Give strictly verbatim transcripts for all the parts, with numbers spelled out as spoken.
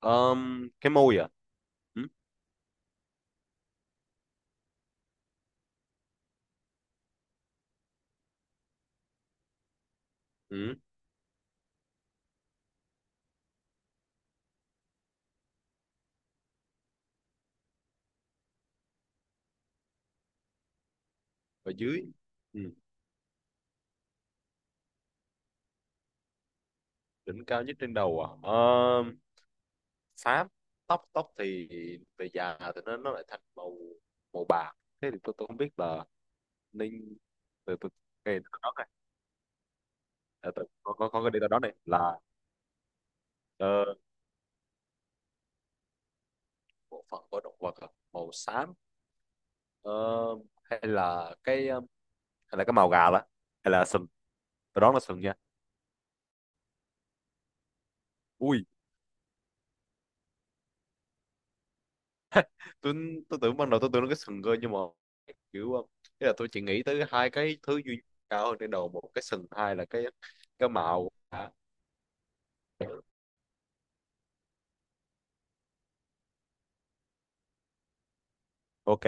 Ờm, cái môi à? Ừ, ừ, ở dưới. Ừ, đỉnh cao nhất trên đầu à? Ờm, xám. Tóc tóc thì về già thì nó nó lại thành màu màu bạc. Thế thì tôi tôi không biết là nên từ từ cái đó này. Từ, từ, con con con cái đi đó này là ờ, bộ phận của động vật à? Màu xám. Ờ, hay là cái ờ, hay là cái màu gà đó, hay là sừng. Tôi đoán là sừng nha. Ui, tôi tôi tưởng ban đầu tôi tưởng nó cái sừng cơ, nhưng mà kiểu um, ý là tôi chỉ nghĩ tới hai cái thứ duy nhất cao hơn trên đầu, một cái sừng, hai là cái cái mạo. À, ok.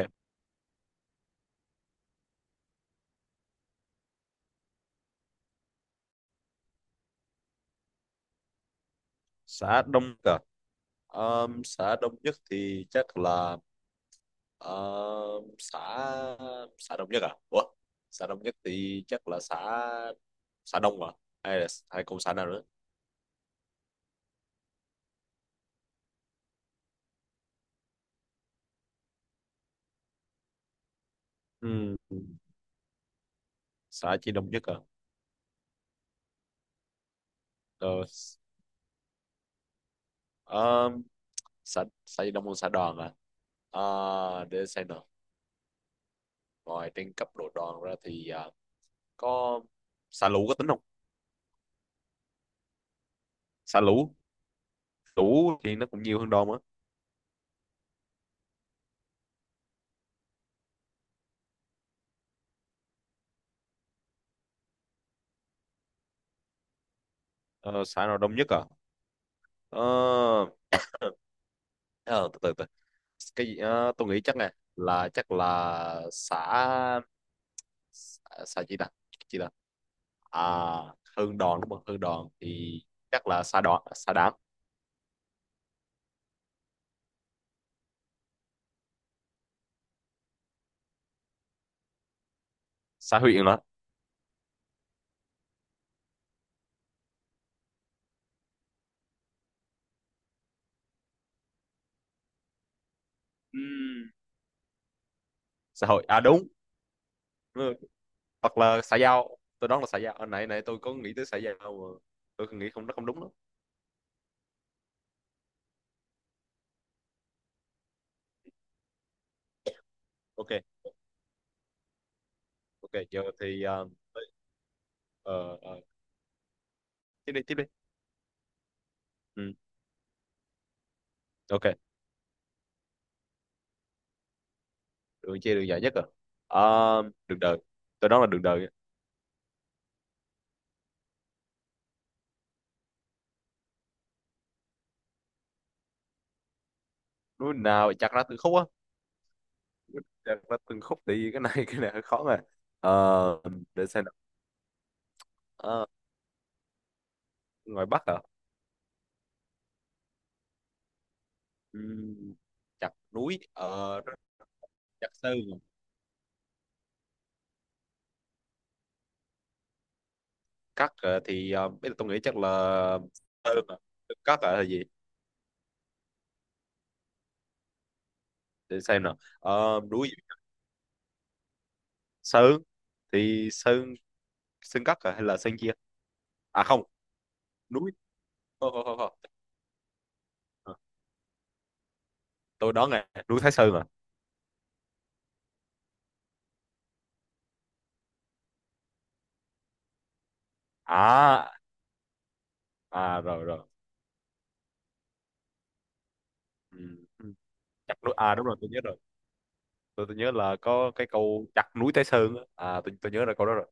Xã Đông Cờ, um, xã Đông Nhất thì chắc là um, xã xã Đông Nhất à? Ủa, xã Đông Nhất thì chắc là xã xã Đông, à hay là hay còn xã nào nữa? Ừm, xã chỉ Đông Nhất à? Rồi, um, xã xã chỉ Đông hơn xã Đoàn à? À, để xem nào. Rồi trên cấp độ đòn ra thì à, có xả lũ có tính không? Xả lũ, lũ thì nó cũng nhiều hơn đòn á. Ờ, xả nào đông nhất à? Ờ, ờ, từ từ từ. Cái gì? ờ, tôi nghĩ chắc nè, là chắc là xả xả, xả gì ta? Gì ta? À, hơn đòn đúng không? Hơn đòn thì chắc là xả đòn, xả đảng, xả huyện đó. Ừm, xã hội à, đúng. Ừ, hoặc là xã giao. Tôi đoán là xã giao. Hồi nãy nãy tôi có nghĩ tới xã giao mà tôi nghĩ không, nó không đúng đó. Ok. Ok, giờ thì ờ, ờ, ờ, tiếp đi tiếp đi. Ừ. Ok, đường chia đường dài nhất rồi. Ờ, đường đời, tôi nói là đường đời. Núi nào chặt ra từng khúc á? Chặt ra từng khúc thì cái này cái này hơi khó mà. Ờ, để xem nào. Ờ, ngoài Bắc à? Ừm, chặt núi ờ, chặt sơn, cắt ờ, thì ờ, bây giờ tôi nghĩ chắc là sơn à. Cắt à, hay gì? Để xem nào. Ờ, núi sơn thì sơn, sơn cắt à, hay là sơn chia? À không, núi không không không không. Ờ, tôi đoán là núi Thái Sơn à. À, à rồi rồi. Ừ, ừ, chặt núi à, đúng rồi tôi nhớ rồi. Tôi, tôi nhớ là có cái câu chặt núi Thái Sơn á. À tôi, tôi nhớ là câu đó rồi.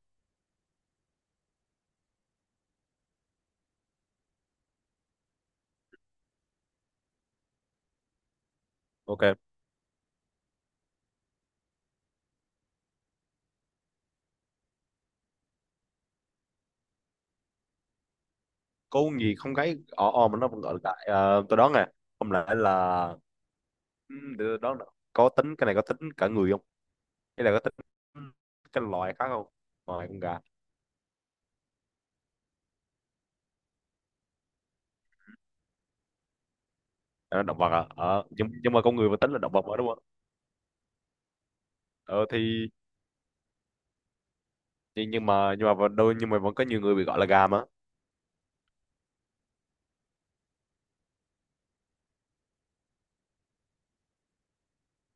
Ok. Câu gì không gáy ò ò mà nó vẫn gọi là đại à? Tôi đoán nè, không lẽ là ừ, để tôi đoán nào. Có tính cái này có tính cả người không, hay là có tính cái loài khác không, ngoài con gà? À, động vật à? Ờ, nhưng, nhưng mà con người vẫn tính là động vật mà đúng không? Ờ thì nhưng nhưng mà nhưng mà vẫn- đôi nhưng mà vẫn có nhiều người bị gọi là gà mà.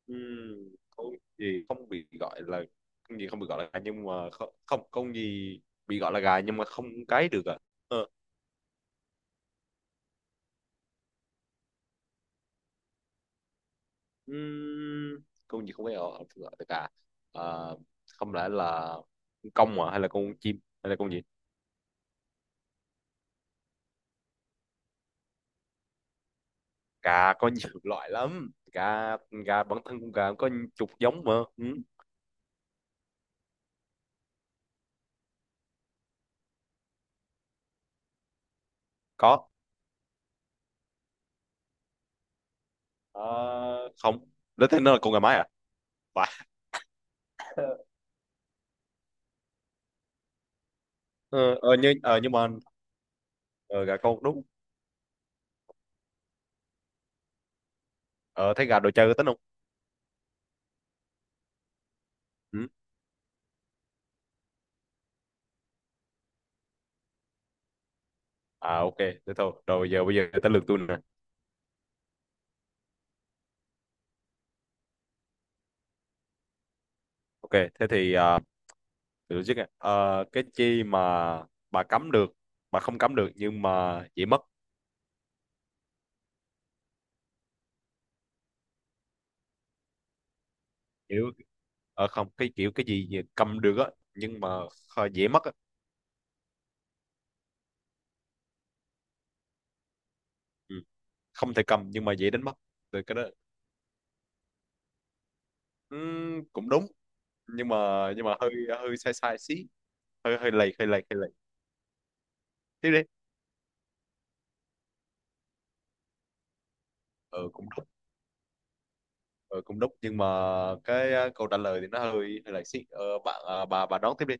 Ừm, không gì không bị gọi là không gì không bị gọi là gà, nhưng mà không không không gì bị gọi là gà nhưng mà không cái được à? Ờ, ừm, con gì không phải gọi không gọi là gà? À, không lẽ là con công à, hay là con chim, hay là con gì? Gà có nhiều loại lắm. Gà gà bản thân con gà có chục giống mà. Ừ, có. Ờ, không. Lấy thế nó là con gà mái à? Vãi. ờ, ờ, nhưng ờ, nhưng mà ờ, gà con đúng. ờ, thấy gà đồ chơi có tính không? À ok, thế thôi. Rồi giờ bây giờ tới lượt tôi nè. Ok, thế thì à, để tôi trước nè. Ờ, cái chi mà bà cấm được, bà không cấm được nhưng mà dễ mất. Kiểu ờ, không, cái kiểu cái gì mà cầm được á, nhưng mà kh- dễ mất á. Ừ. Không thể cầm nhưng mà dễ đánh mất. Từ cái đó. ừm, cũng đúng, nhưng mà nhưng mà hơi hơi sai sai xí, hơi hơi lầy hơi lầy hơi lầy. Tiếp đi. Ờ cũng đúng. Ờ cũng đúng nhưng mà cái à, câu trả lời thì nó hơi hơi lầy xí. Ờ bạn à, bà bà đón tiếp đi.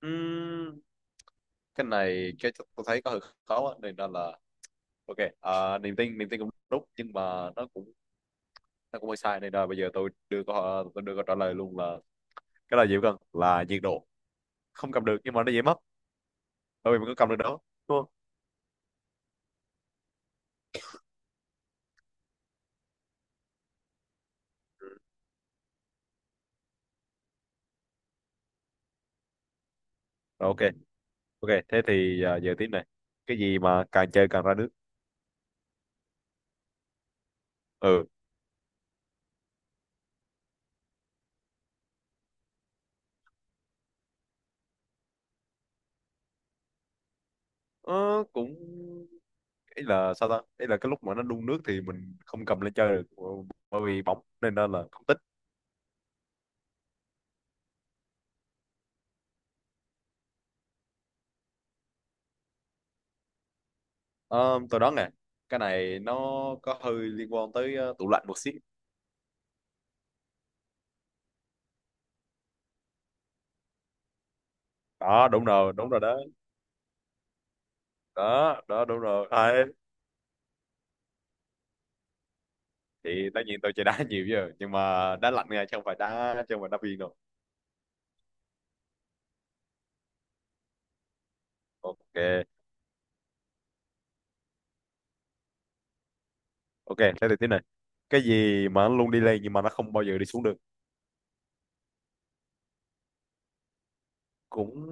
Ừm, cái này cái tôi thấy có hơi khó á, nên là, là ok. À, niềm tin niềm tin cũng đúng nhưng mà nó cũng nó cũng hơi sai, nên là bây giờ tôi đưa câu, tôi đưa câu trả lời luôn là cái là gì gần là nhiệt độ. Không cầm được nhưng mà nó dễ mất, bởi vì mình có cầm được đó, đúng không? Ừ. Rồi, ok. Ok thế thì à, giờ tiếp này. Cái gì mà càng chơi càng ra nước? Ừ. ờ, cũng ý là sao ta, ý là cái lúc mà nó đun nước thì mình không cầm lên chơi được bởi vì bỏng, nên đó là không tính. Ờ, tôi đoán nè, cái này nó có hơi liên quan tới ờ, tủ lạnh một xíu. Đó đúng rồi đúng rồi đó, đó đó đúng rồi. Đấy. Thì tất nhiên tôi chơi đá nhiều chứ, nhưng mà đá lạnh nha, chứ không phải đá chứ không phải đá viên đâu. Ok, ok thế thì tiếp này. Cái gì mà nó luôn đi lên nhưng mà nó không bao giờ đi xuống được? Cũng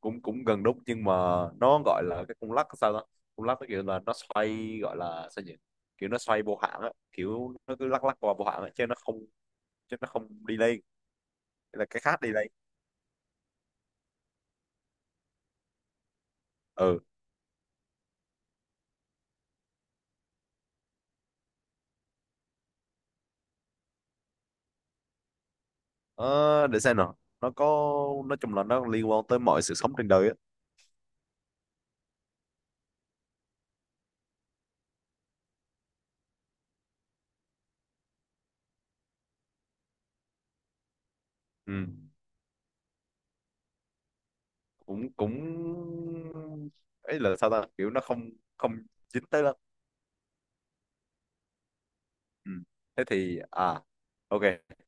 cũng cũng gần đúng nhưng mà nó gọi là cái cung lắc sao đó. Cung lắc nó kiểu là nó xoay gọi là sao nhỉ, kiểu nó xoay vô hạn á, kiểu nó cứ lắc lắc qua vô hạn á, chứ nó không chứ nó không đi lên. Thế là cái khác đi lên. Ừ. Ờ, để xem nào, nó có, nói chung là nó liên quan tới mọi sự sống trên đời á. Ừ. Cũng cũng ấy là sao ta, kiểu nó không không dính tới lắm. Ừ. Thế thì à, ok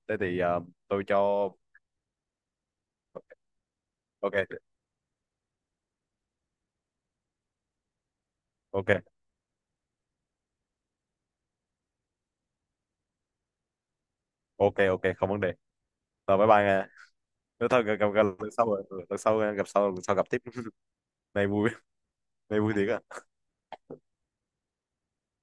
thế thì ờ, tôi cho ok. Ok ok ok, không vấn đề. Rồi bye bye nha. Nếu thôi gặp, gặp, gặp lần sau rồi. Ừ, lần sau gặp sau lần sau gặp tiếp. Này vui, này vui thiệt á.